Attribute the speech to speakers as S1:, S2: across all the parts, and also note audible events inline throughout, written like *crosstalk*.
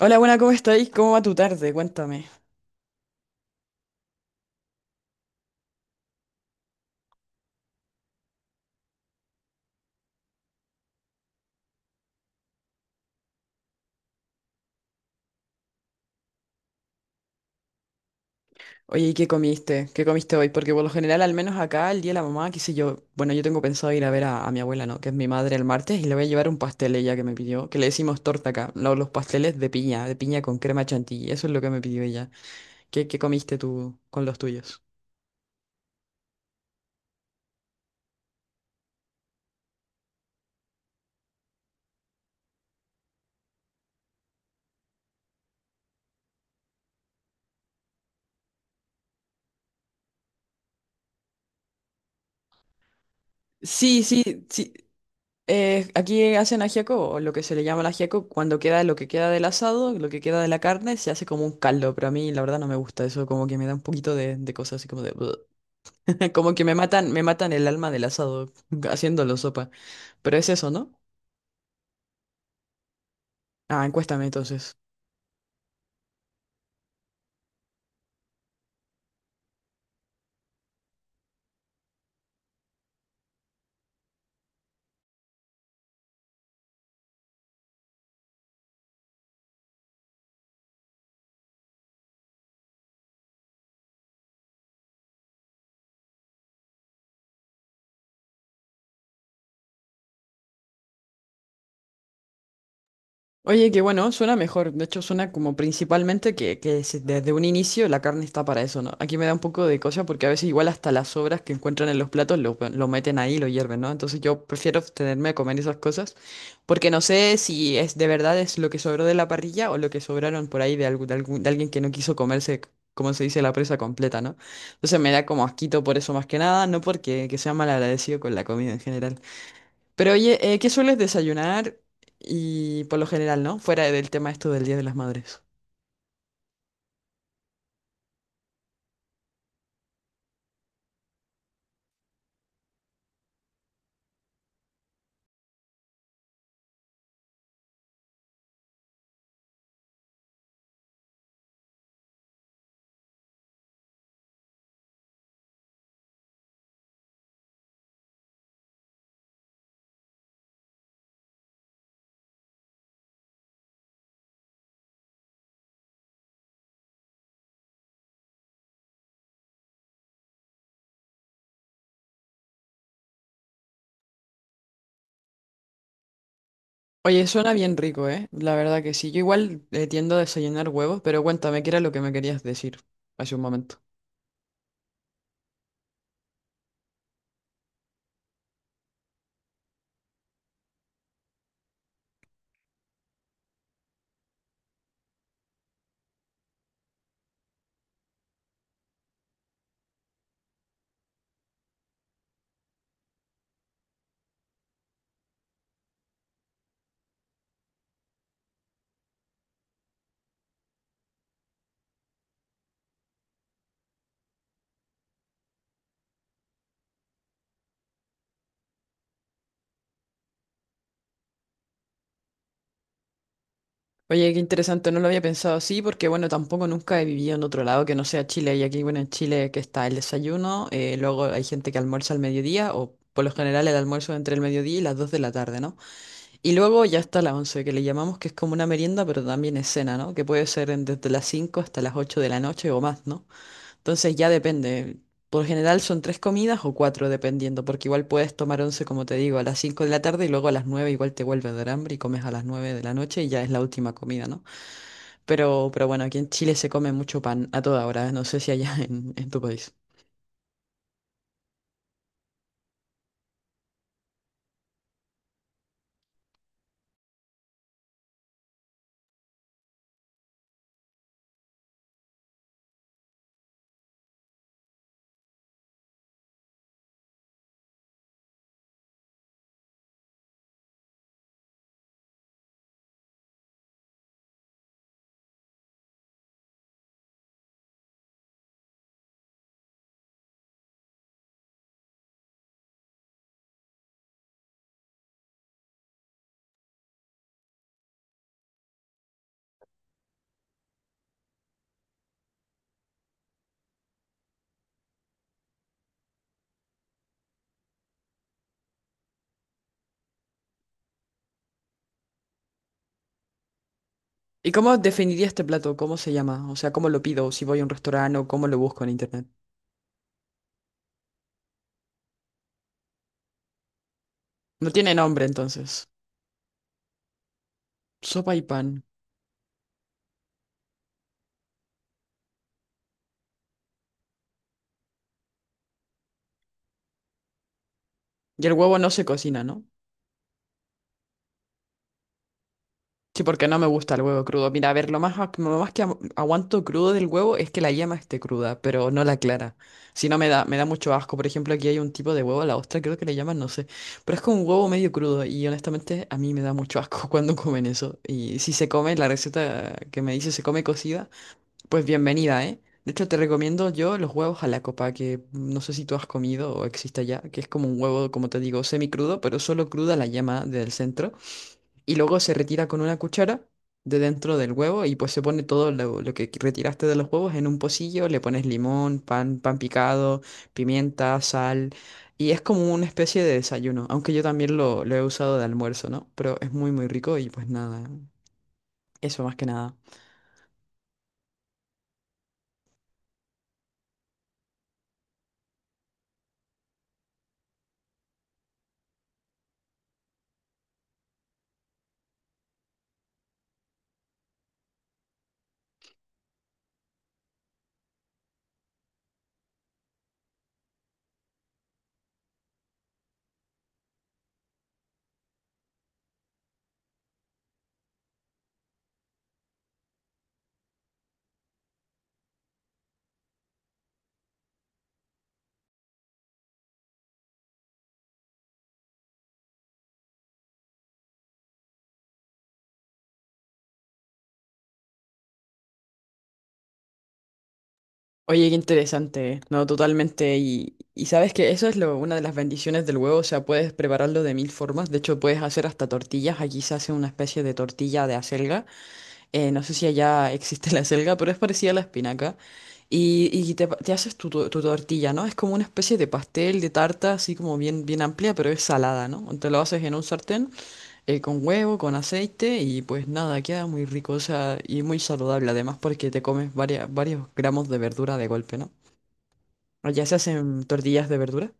S1: Hola, buena, ¿cómo estáis? ¿Cómo va tu tarde? Cuéntame. Oye, ¿y qué comiste? ¿Qué comiste hoy? Porque por lo general, al menos acá, el día de la mamá, qué sé yo, bueno, yo tengo pensado ir a ver a mi abuela, ¿no? Que es mi madre el martes, y le voy a llevar un pastel ella que me pidió, que le decimos torta acá, no, los pasteles de piña con crema chantilly, eso es lo que me pidió ella. ¿Qué comiste tú con los tuyos? Sí, sí, sí. Aquí hacen ajiaco, o lo que se le llama el ajiaco, cuando queda lo que queda del asado, lo que queda de la carne, se hace como un caldo, pero a mí la verdad no me gusta eso, como que me da un poquito de cosas así como de... *laughs* Como que me matan el alma del asado *laughs* haciéndolo sopa. Pero es eso, ¿no? Ah, encuéstame entonces. Oye, que bueno, suena mejor. De hecho, suena como principalmente que, desde un inicio la carne está para eso, ¿no? Aquí me da un poco de cosa porque a veces igual hasta las sobras que encuentran en los platos lo meten ahí, lo hierven, ¿no? Entonces yo prefiero tenerme a comer esas cosas porque no sé si es de verdad es lo que sobró de la parrilla o lo que sobraron por ahí de, algún, de, de alguien que no quiso comerse, como se dice, la presa completa, ¿no? Entonces me da como asquito por eso más que nada, no porque que sea malagradecido con la comida en general. Pero oye, ¿qué sueles desayunar? Y por lo general, ¿no? Fuera del tema esto del Día de las Madres. Oye, suena bien rico, ¿eh? La verdad que sí. Yo igual tiendo a desayunar huevos, pero cuéntame, ¿qué era lo que me querías decir hace un momento? Oye, qué interesante, no lo había pensado así, porque bueno, tampoco nunca he vivido en otro lado que no sea Chile. Y aquí, bueno, en Chile que está el desayuno, luego hay gente que almuerza al mediodía, o por lo general el almuerzo entre el mediodía y las 2 de la tarde, ¿no? Y luego ya está la once, que le llamamos que es como una merienda, pero también es cena, ¿no? Que puede ser desde las 5 hasta las 8 de la noche o más, ¿no? Entonces ya depende. Por general son tres comidas o cuatro, dependiendo, porque igual puedes tomar once, como te digo, a las 5 de la tarde y luego a las 9 igual te vuelves de hambre y comes a las 9 de la noche y ya es la última comida, ¿no? Pero bueno, aquí en Chile se come mucho pan a toda hora, ¿eh? No sé si allá *laughs* en tu país. ¿Y cómo definiría este plato? ¿Cómo se llama? O sea, ¿cómo lo pido? ¿Si voy a un restaurante o cómo lo busco en internet? No tiene nombre entonces. Sopa y pan. ¿Y el huevo no se cocina, no? Sí, porque no me gusta el huevo crudo. Mira, a ver, lo más, lo más que aguanto crudo del huevo es que la yema esté cruda, pero no la clara. Si no, me da mucho asco. Por ejemplo, aquí hay un tipo de huevo, la ostra creo que le llaman, no sé. Pero es como un huevo medio crudo y honestamente a mí me da mucho asco *laughs* cuando comen eso. Y si se come, la receta que me dice se come cocida. Pues bienvenida, ¿eh? De hecho, te recomiendo yo los huevos a la copa, que no sé si tú has comido o existe ya, que es como un huevo, como te digo, semicrudo, pero solo cruda la yema del centro. Y luego se retira con una cuchara de dentro del huevo y pues se pone todo lo que retiraste de los huevos en un pocillo, le pones limón, pan, pan picado, pimienta, sal. Y es como una especie de desayuno, aunque yo también lo he usado de almuerzo, ¿no? Pero es muy, muy rico y pues nada, eso más que nada. Oye, qué interesante, no, totalmente. Y sabes que eso es lo, una de las bendiciones del huevo, o sea, puedes prepararlo de mil formas. De hecho, puedes hacer hasta tortillas. Aquí se hace una especie de tortilla de acelga. No sé si allá existe *laughs* la acelga, pero es parecida a la espinaca. Y te haces tu, tu tortilla, ¿no? Es como una especie de pastel, de tarta, así como bien, bien amplia, pero es salada, ¿no? Te lo haces en un sartén, con huevo, con aceite y pues nada, queda muy rico, o sea, y muy saludable además porque te comes varias, varios gramos de verdura de golpe, ¿no? Allá se hacen tortillas de verdura.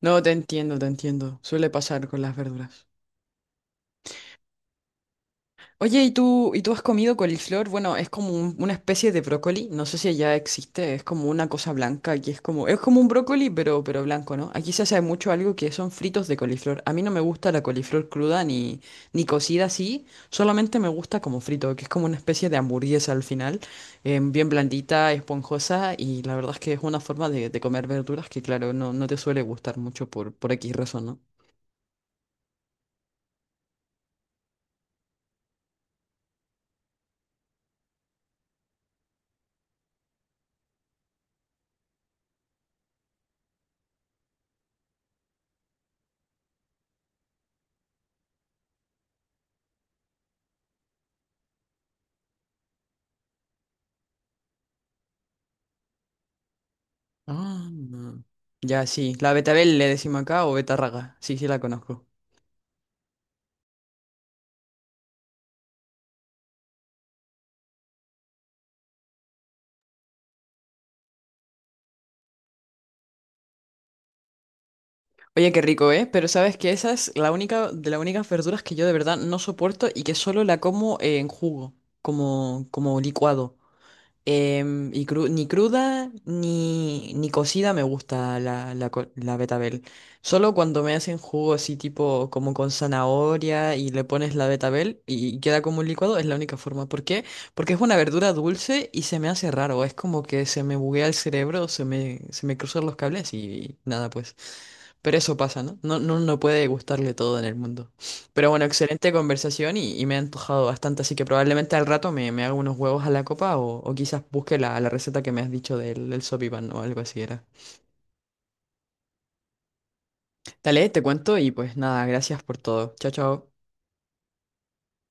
S1: No, te entiendo, te entiendo. Suele pasar con las verduras. Oye, ¿y tú has comido coliflor? Bueno, es como una especie de brócoli, no sé si allá existe, es como una cosa blanca, que es como un brócoli, pero blanco, ¿no? Aquí se hace mucho algo que son fritos de coliflor. A mí no me gusta la coliflor cruda ni, ni cocida así, solamente me gusta como frito, que es como una especie de hamburguesa al final, bien blandita, esponjosa, y la verdad es que es una forma de comer verduras que, claro, no, no te suele gustar mucho por X razón, ¿no? Ah, no. Ya, sí. La betabel le decimos acá o betarraga. Sí, sí la conozco. Oye, qué rico, ¿eh? Pero sabes que esa es la única de las únicas verduras que yo de verdad no soporto y que solo la como en jugo, como, como licuado. Y ni cruda ni, ni cocida me gusta la, la, la betabel. Solo cuando me hacen jugo así tipo como con zanahoria y le pones la betabel y queda como un licuado, es la única forma. ¿Por qué? Porque es una verdura dulce y se me hace raro. Es como que se me buguea el cerebro, se me cruzan los cables y, nada pues. Pero eso pasa, ¿no? No, no, no puede gustarle todo en el mundo. Pero bueno, excelente conversación y me ha antojado bastante, así que probablemente al rato me, me hago unos huevos a la copa o quizás busque la, la receta que me has dicho del, del sopipan o algo así era. Dale, te cuento y pues nada, gracias por todo. Chao, chao.